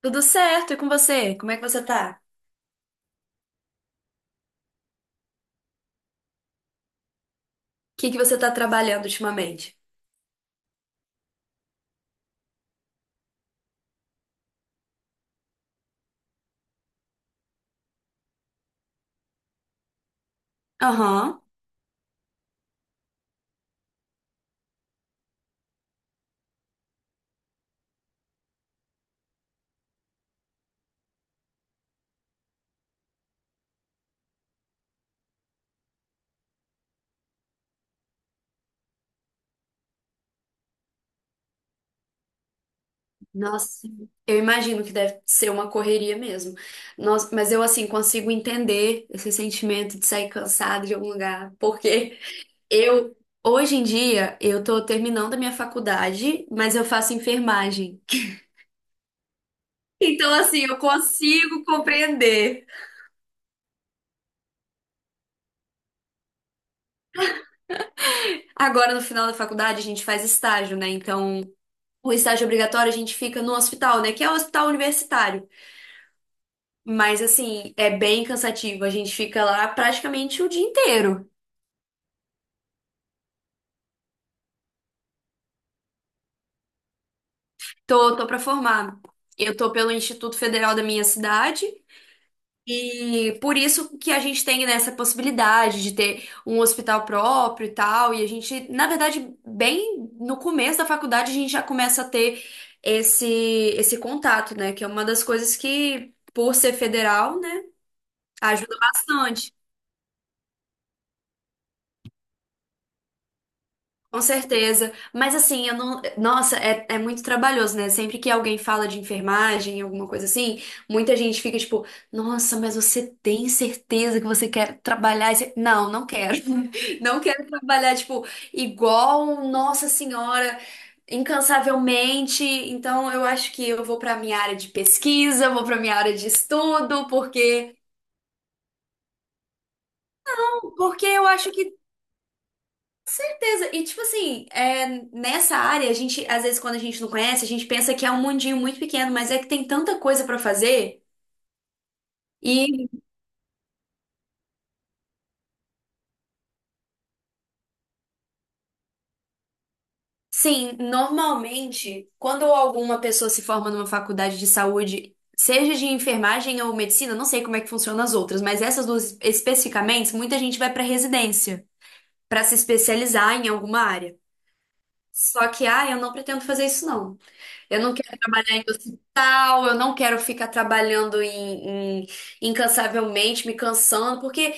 Tudo certo? E com você? Como é que você tá? O que que você tá trabalhando ultimamente? Aham. Nossa, eu imagino que deve ser uma correria mesmo. Nossa, mas eu, assim, consigo entender esse sentimento de sair cansado de algum lugar, porque eu, hoje em dia, eu tô terminando a minha faculdade, mas eu faço enfermagem. Então, assim, eu consigo compreender. Agora, no final da faculdade, a gente faz estágio, né? Então, o estágio obrigatório, a gente fica no hospital, né? Que é o hospital universitário. Mas assim, é bem cansativo. A gente fica lá praticamente o dia inteiro. Tô, tô para formar. Eu tô pelo Instituto Federal da minha cidade e por isso que a gente tem nessa possibilidade de ter um hospital próprio e tal. E a gente, na verdade, bem no começo da faculdade, a gente já começa a ter esse contato, né? Que é uma das coisas que, por ser federal, né, ajuda bastante. Com certeza. Mas assim, eu não. Nossa, é, é muito trabalhoso, né? Sempre que alguém fala de enfermagem, alguma coisa assim, muita gente fica tipo, nossa, mas você tem certeza que você quer trabalhar? Esse- "Não, não quero." Não quero trabalhar, tipo, igual Nossa Senhora, incansavelmente. Então, eu acho que eu vou pra minha área de pesquisa, vou pra minha área de estudo, porque. Porque eu acho que certeza. E tipo assim, é, nessa área, a gente, às vezes, quando a gente não conhece, a gente pensa que é um mundinho muito pequeno, mas é que tem tanta coisa pra fazer. E sim, normalmente, quando alguma pessoa se forma numa faculdade de saúde, seja de enfermagem ou medicina, não sei como é que funcionam as outras, mas essas duas especificamente, muita gente vai pra residência pra se especializar em alguma área. Só que, ah, eu não pretendo fazer isso, não. Eu não quero trabalhar em hospital, eu não quero ficar trabalhando em, incansavelmente, me cansando, porque,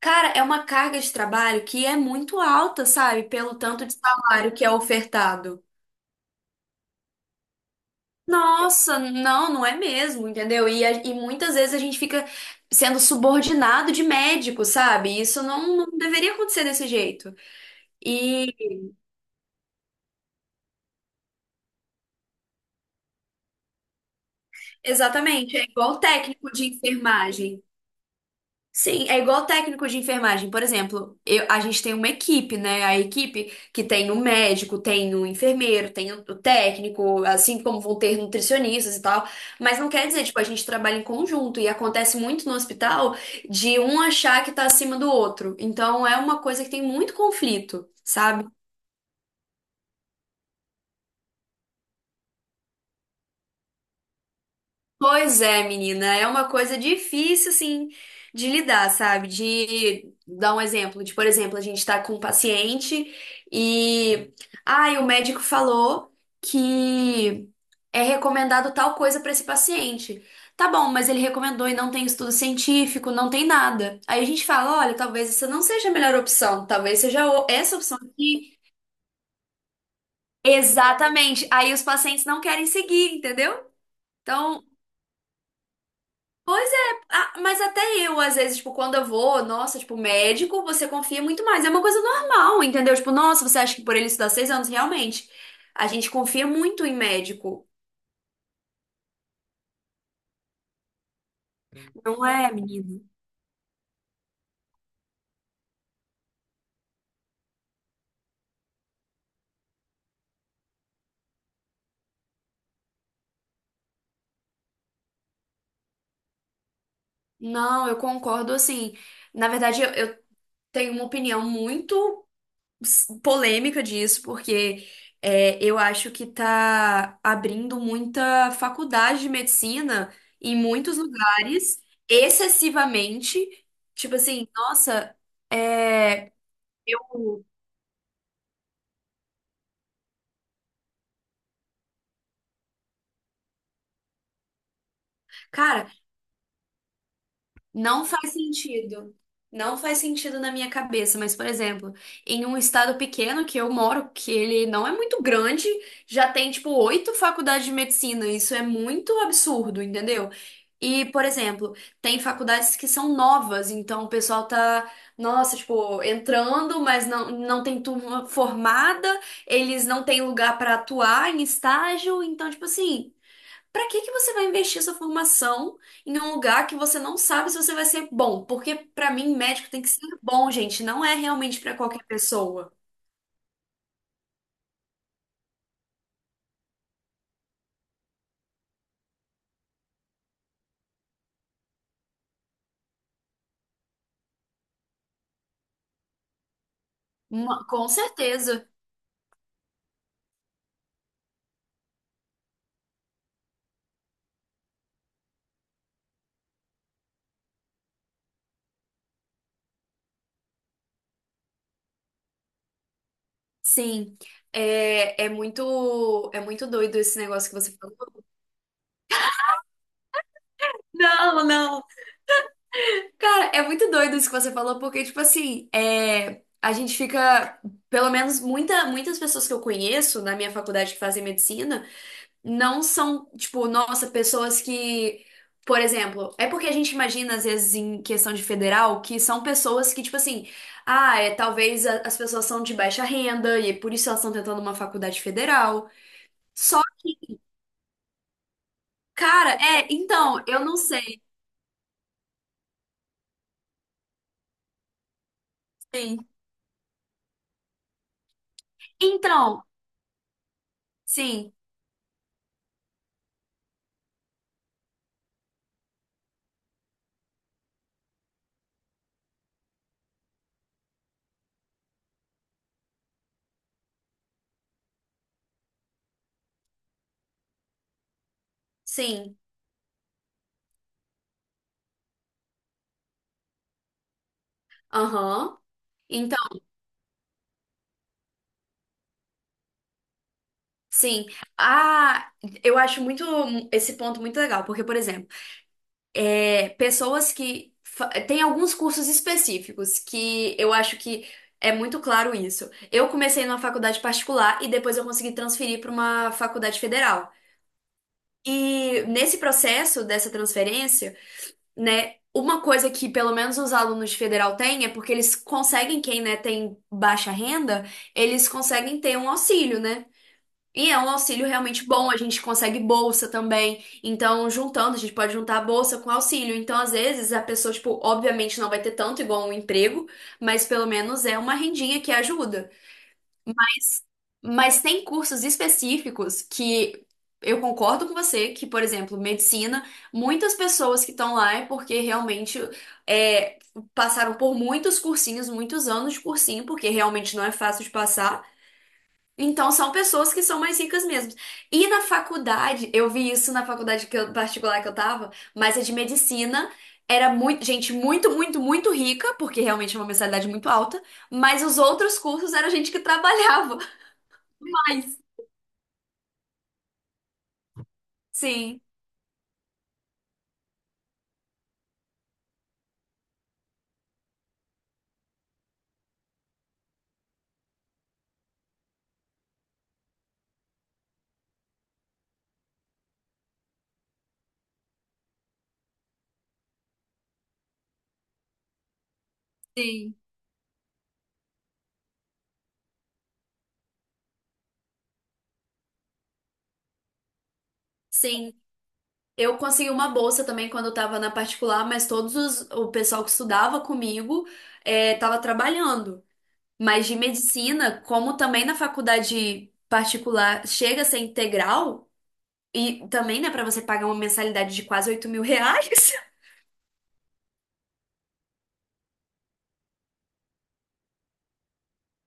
cara, é uma carga de trabalho que é muito alta, sabe? Pelo tanto de salário que é ofertado. Nossa, não, não é mesmo, entendeu? E, e muitas vezes a gente fica sendo subordinado de médico, sabe? Isso não, não deveria acontecer desse jeito. E exatamente, é igual técnico de enfermagem. Sim, é igual técnico de enfermagem, por exemplo, a gente tem uma equipe, né? A equipe que tem o médico, tem o enfermeiro, tem o técnico, assim como vão ter nutricionistas e tal. Mas não quer dizer, tipo, a gente trabalha em conjunto e acontece muito no hospital de um achar que tá acima do outro. Então é uma coisa que tem muito conflito, sabe? Pois é, menina, é uma coisa difícil, assim, de lidar, sabe? De dar um exemplo, de, por exemplo, a gente tá com um paciente e, ai, o médico falou que é recomendado tal coisa pra esse paciente. Tá bom, mas ele recomendou e não tem estudo científico, não tem nada. Aí a gente fala, olha, talvez essa não seja a melhor opção, talvez seja essa opção aqui. Exatamente. Aí os pacientes não querem seguir, entendeu? Então, pois é, ah, mas até eu, às vezes, tipo, quando eu vou, nossa, tipo, médico, você confia muito mais. É uma coisa normal, entendeu? Tipo, nossa, você acha que por ele estudar 6 anos, realmente. A gente confia muito em médico. Não é, menino? Não, eu concordo, assim. Na verdade, eu tenho uma opinião muito polêmica disso, porque é, eu acho que tá abrindo muita faculdade de medicina em muitos lugares, excessivamente. Tipo assim, nossa, é, eu. Cara, não faz sentido. Não faz sentido na minha cabeça, mas, por exemplo, em um estado pequeno que eu moro, que ele não é muito grande, já tem, tipo, 8 faculdades de medicina. Isso é muito absurdo, entendeu? E, por exemplo, tem faculdades que são novas, então o pessoal tá, nossa, tipo, entrando, mas não, não tem turma formada, eles não têm lugar pra atuar em estágio, então, tipo assim. Pra que que você vai investir sua formação em um lugar que você não sabe se você vai ser bom? Porque pra mim médico tem que ser bom, gente, não é realmente pra qualquer pessoa. Uma- com certeza. Sim. É, é muito doido esse negócio que você falou. Não, não. Cara, é muito doido isso que você falou, porque tipo assim, é, a gente fica, pelo menos muita, muitas pessoas que eu conheço na minha faculdade que fazem medicina não são, tipo, nossa, pessoas que, por exemplo, é porque a gente imagina, às vezes, em questão de federal, que são pessoas que, tipo assim, ah, é, talvez as pessoas são de baixa renda e é por isso elas estão tentando uma faculdade federal. Só, cara, é, então, eu não sei. Sim. Então, sim, sim, aham. Então, sim. Ah, eu acho muito esse ponto muito legal, porque, por exemplo, é, pessoas que. Tem alguns cursos específicos que eu acho que é muito claro isso. Eu comecei numa faculdade particular e depois eu consegui transferir para uma faculdade federal. E nesse processo dessa transferência, né, uma coisa que pelo menos os alunos de federal têm é porque eles conseguem, quem, né, tem baixa renda, eles conseguem ter um auxílio, né? E é um auxílio realmente bom, a gente consegue bolsa também. Então, juntando, a gente pode juntar a bolsa com auxílio. Então, às vezes, a pessoa, tipo, obviamente não vai ter tanto igual um emprego, mas pelo menos é uma rendinha que ajuda. Mas tem cursos específicos que eu concordo com você, que, por exemplo, medicina, muitas pessoas que estão lá é porque realmente é, passaram por muitos cursinhos, muitos anos de cursinho, porque realmente não é fácil de passar. Então, são pessoas que são mais ricas mesmo. E na faculdade, eu vi isso na faculdade que particular que eu tava, mas a de medicina era muito, gente muito, muito, muito rica, porque realmente é uma mensalidade muito alta, mas os outros cursos era gente que trabalhava. Mas, sim, sim, sim. Eu consegui uma bolsa também quando eu tava na particular, mas todos os, o pessoal que estudava comigo é, tava trabalhando. Mas de medicina, como também na faculdade particular chega a ser integral. E também, né, pra você pagar uma mensalidade de quase R$ 8.000?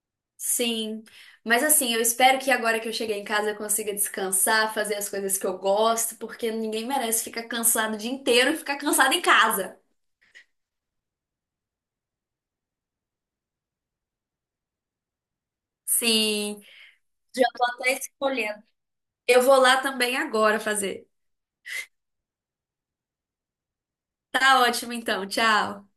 Sim. Mas assim, eu espero que agora que eu cheguei em casa eu consiga descansar, fazer as coisas que eu gosto, porque ninguém merece ficar cansado o dia inteiro e ficar cansado em casa. Sim. Já tô até escolhendo. Eu vou lá também agora fazer. Tá ótimo então, tchau.